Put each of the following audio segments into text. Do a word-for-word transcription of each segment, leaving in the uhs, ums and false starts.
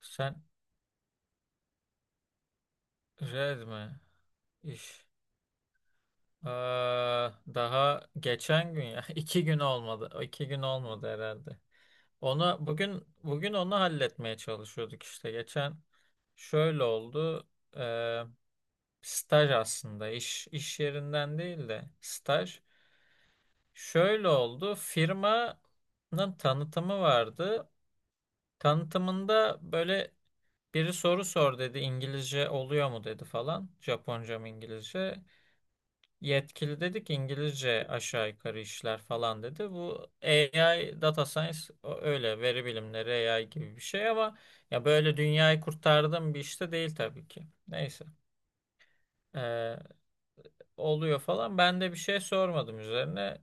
Sen red mi? İş. Aa, daha geçen gün ya. iki gün olmadı. O iki gün olmadı herhalde. Onu bugün bugün onu halletmeye çalışıyorduk işte. Geçen şöyle oldu. Ee, Staj aslında iş iş yerinden değil de staj. Şöyle oldu. Firmanın tanıtımı vardı. Tanıtımında böyle biri soru sor dedi. İngilizce oluyor mu dedi falan. Japonca mı İngilizce? Yetkili dedi ki İngilizce aşağı yukarı işler falan dedi. Bu A I, data science o- öyle veri bilimleri A I gibi bir şey ama ya böyle dünyayı kurtardım bir işte değil tabii ki. Neyse. Ee, Oluyor falan. Ben de bir şey sormadım üzerine,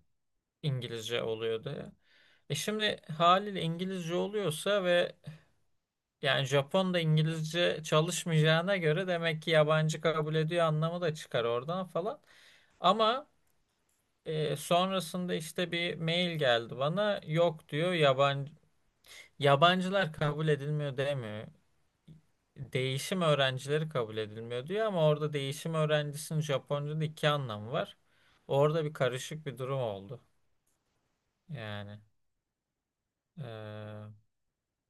İngilizce oluyor diye. E şimdi haliyle İngilizce oluyorsa ve yani Japon da İngilizce çalışmayacağına göre, demek ki yabancı kabul ediyor anlamı da çıkar oradan falan. Ama E, sonrasında işte bir mail geldi bana. Yok diyor, yabancı yabancılar kabul edilmiyor demiyor. Değişim öğrencileri kabul edilmiyor diyor, ama orada değişim öğrencisinin Japonca'da iki anlamı var. Orada bir karışık bir durum oldu. Yani e,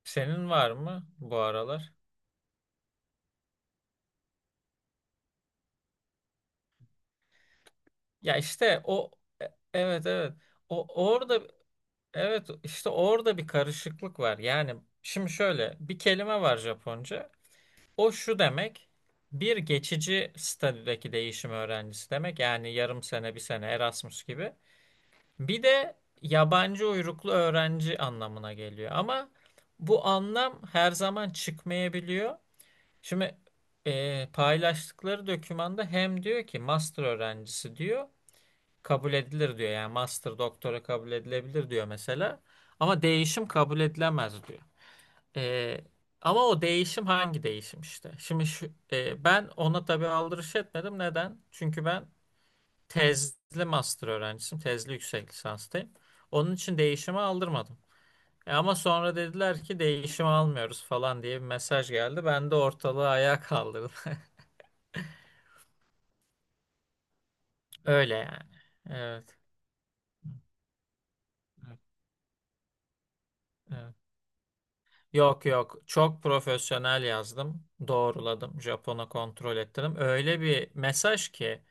senin var mı bu aralar? Ya işte o e- evet, evet, o orada. Evet, işte orada bir karışıklık var. Yani şimdi şöyle bir kelime var Japonca. O şu demek, bir geçici statüdeki değişim öğrencisi demek. Yani yarım sene, bir sene, Erasmus gibi. Bir de yabancı uyruklu öğrenci anlamına geliyor. Ama bu anlam her zaman çıkmayabiliyor. Şimdi e, paylaştıkları dokümanda hem diyor ki master öğrencisi diyor, kabul edilir diyor. Yani master doktora kabul edilebilir diyor mesela. Ama değişim kabul edilemez diyor. Ee, Ama o değişim hangi değişim işte? Şimdi şu, e, ben ona tabii aldırış etmedim. Neden? Çünkü ben tezli master öğrencisiyim. Tezli yüksek lisanstayım. Onun için değişimi aldırmadım. E ama sonra dediler ki değişimi almıyoruz falan diye bir mesaj geldi. Ben de ortalığı ayağa kaldırdım. Öyle yani. Evet. Evet. Evet. Yok yok, çok profesyonel yazdım. Doğruladım. Japon'a kontrol ettirdim. Öyle bir mesaj ki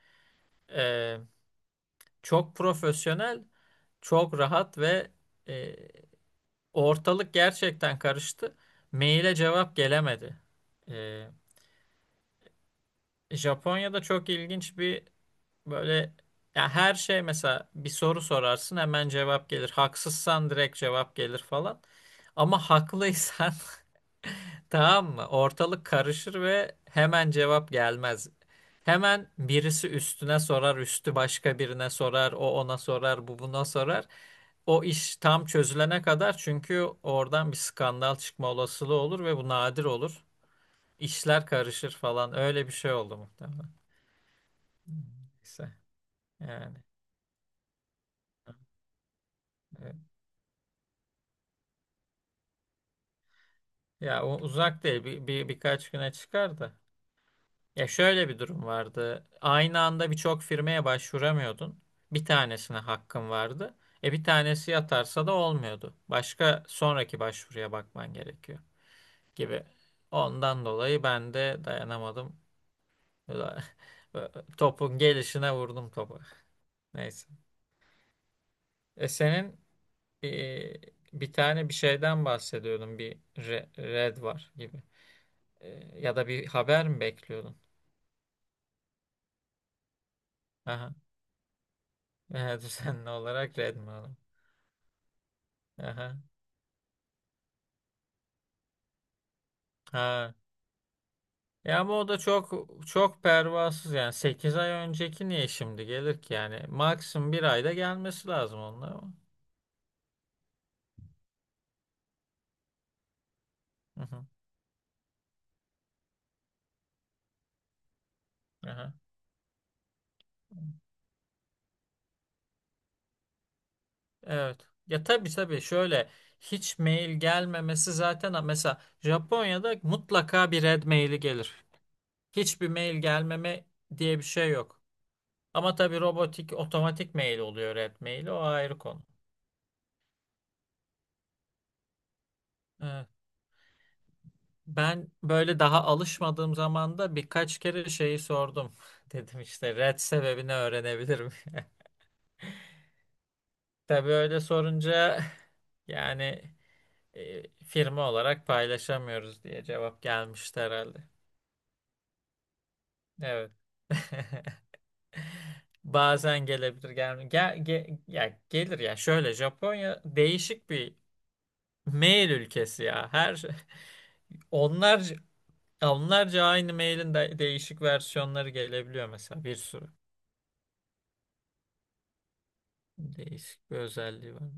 e, çok profesyonel, çok rahat ve e, ortalık gerçekten karıştı. Maile cevap gelemedi. E, Japonya'da çok ilginç bir böyle, ya her şey, mesela bir soru sorarsın hemen cevap gelir. Haksızsan direkt cevap gelir falan. Ama haklıysan tamam mı? Ortalık karışır ve hemen cevap gelmez. Hemen birisi üstüne sorar, üstü başka birine sorar, o ona sorar, bu buna sorar. O iş tam çözülene kadar, çünkü oradan bir skandal çıkma olasılığı olur ve bu nadir olur. İşler karışır falan. Öyle bir şey oldu muhtemelen. Neyse yani. Evet. Ya o uzak değil. Bir, bir, birkaç güne çıkar da. Ya şöyle bir durum vardı. Aynı anda birçok firmaya başvuramıyordun. Bir tanesine hakkın vardı. E bir tanesi yatarsa da olmuyordu. Başka, sonraki başvuruya bakman gerekiyor gibi. Ondan dolayı ben de dayanamadım. Topun gelişine vurdum topu. Neyse. E senin e, bir tane bir şeyden bahsediyordun. Bir re- red var gibi. E, ya da bir haber mi bekliyordun? Aha. Evet, düzenli olarak red mi aldın? Aha. Ha. Ya ama o da çok çok pervasız yani. sekiz ay önceki niye şimdi gelir ki yani? Maksimum bir ayda gelmesi lazım onun ama. Hı hı. Aha. Evet. Ya tabii tabii, şöyle, hiç mail gelmemesi zaten, ha, mesela Japonya'da mutlaka bir red maili gelir. Hiçbir mail gelmeme diye bir şey yok. Ama tabii robotik otomatik mail oluyor red maili, o ayrı konu. Evet. Ben böyle daha alışmadığım zaman da birkaç kere şeyi sordum. Dedim işte red sebebini öğrenebilirim. Tabii öyle sorunca yani, e, firma olarak paylaşamıyoruz diye cevap gelmişti herhalde. Evet. Bazen gelebilir, gelmiyor. Gel, ge- ya gelir ya. Şöyle, Japonya değişik bir mail ülkesi ya. Her şey- onlarca onlarca aynı mailin de- değişik versiyonları gelebiliyor mesela, bir sürü. Değişik bir özelliği var.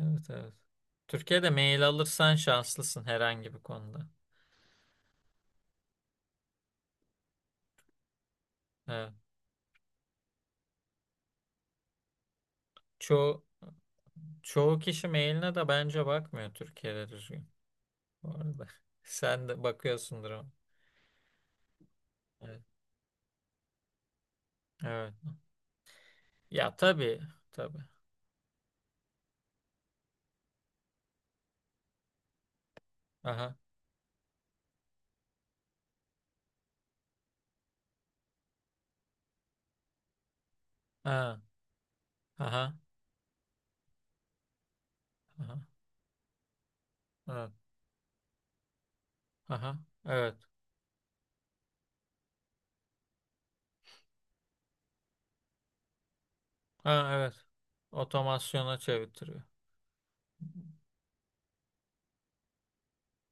Evet evet. Türkiye'de mail alırsan şanslısın herhangi bir konuda. Evet. Çoğu, çoğu kişi mailine de bence bakmıyor Türkiye'de düzgün. Bu arada. Sen de bakıyorsundur ama. Evet. Evet. Ya tabii. Tabii. Aha. Ha. Aha. Aha. Evet. Aha. Evet. Ha, evet. Otomasyona çevirtiyor.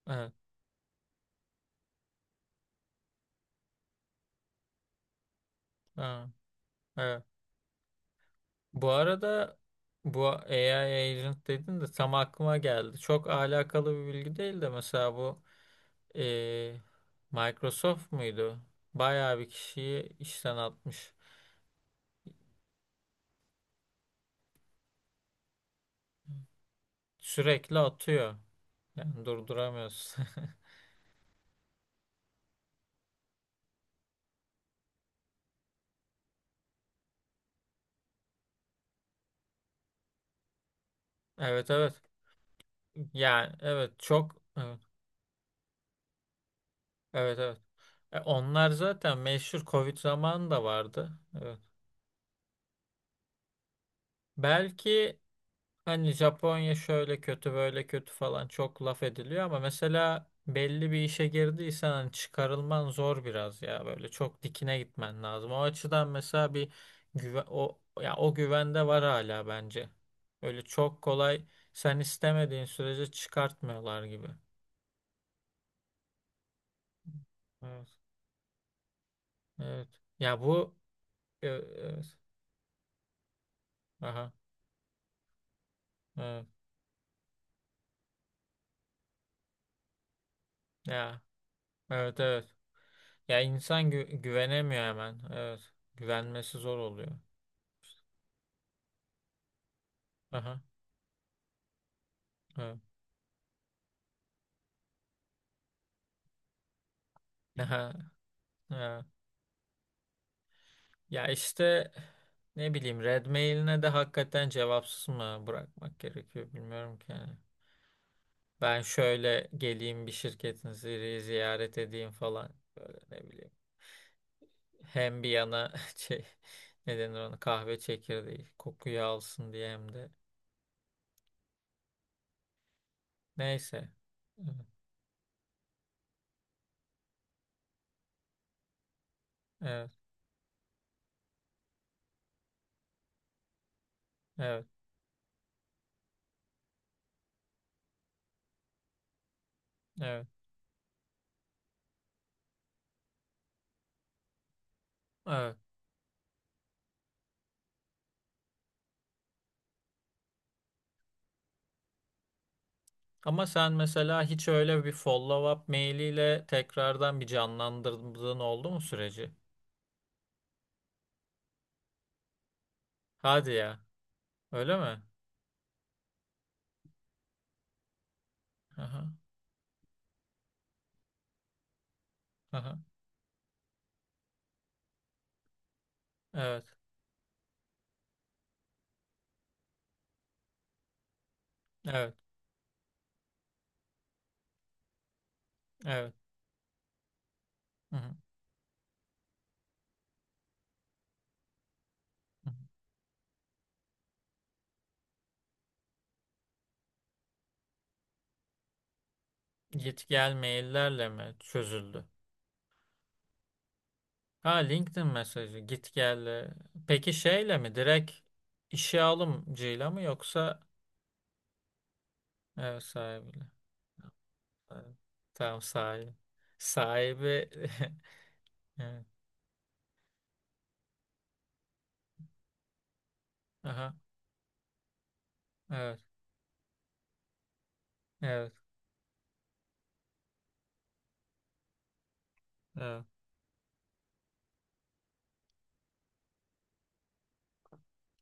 Evet. Ha, evet. Bu arada bu A I agent dedin de tam aklıma geldi. Çok alakalı bir bilgi değil de, mesela bu eee, Microsoft muydu? Bayağı bir kişiyi işten atmış. Sürekli atıyor. Yani durduramıyorsun. Evet evet. Yani evet, çok evet. Evet evet. E, onlar zaten meşhur, Covid zamanı da vardı. Evet. Belki, hani, Japonya şöyle kötü böyle kötü falan çok laf ediliyor ama mesela belli bir işe girdiysen hani çıkarılman zor biraz, ya böyle çok dikine gitmen lazım. O açıdan mesela bir güven, o ya, o güvende var hala bence. Öyle çok kolay, sen istemediğin sürece çıkartmıyorlar gibi. Evet. Evet. Ya bu e, evet. Aha. Evet. Ya. Evet evet. Ya insan gü- güvenemiyor hemen. Evet. Güvenmesi zor oluyor. Aha. Evet. Aha. Evet. Ya işte, ne bileyim, red mailine de hakikaten cevapsız mı bırakmak gerekiyor bilmiyorum ki yani. Ben şöyle geleyim, bir şirketinizi ziyaret edeyim falan. Böyle, ne bileyim. Hem bir yana şey, ne denir ona, kahve çekirdeği kokuyu alsın diye hem de. Neyse. Evet. Evet. Evet. Evet. Evet. Ama sen mesela hiç öyle bir follow-up mailiyle tekrardan bir canlandırdığın oldu mu süreci? Hadi ya. Öyle mi? Aha, aha. Evet, evet, evet. Hı hı, hı hı. Git gel maillerle mi çözüldü? Ha, LinkedIn mesajı git gelle. Peki şeyle mi direkt, işe alımcıyla mı yoksa evet, sahibiyle? Evet. Tamam, sahibi. Sahibi evet. Aha, evet, evet, evet.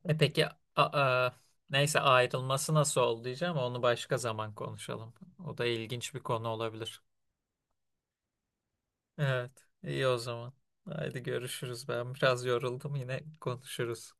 E peki, a, a- neyse, ayrılması nasıl oldu diyeceğim, onu başka zaman konuşalım. O da ilginç bir konu olabilir. Evet, iyi o zaman. Haydi görüşürüz. Ben biraz yoruldum, yine konuşuruz.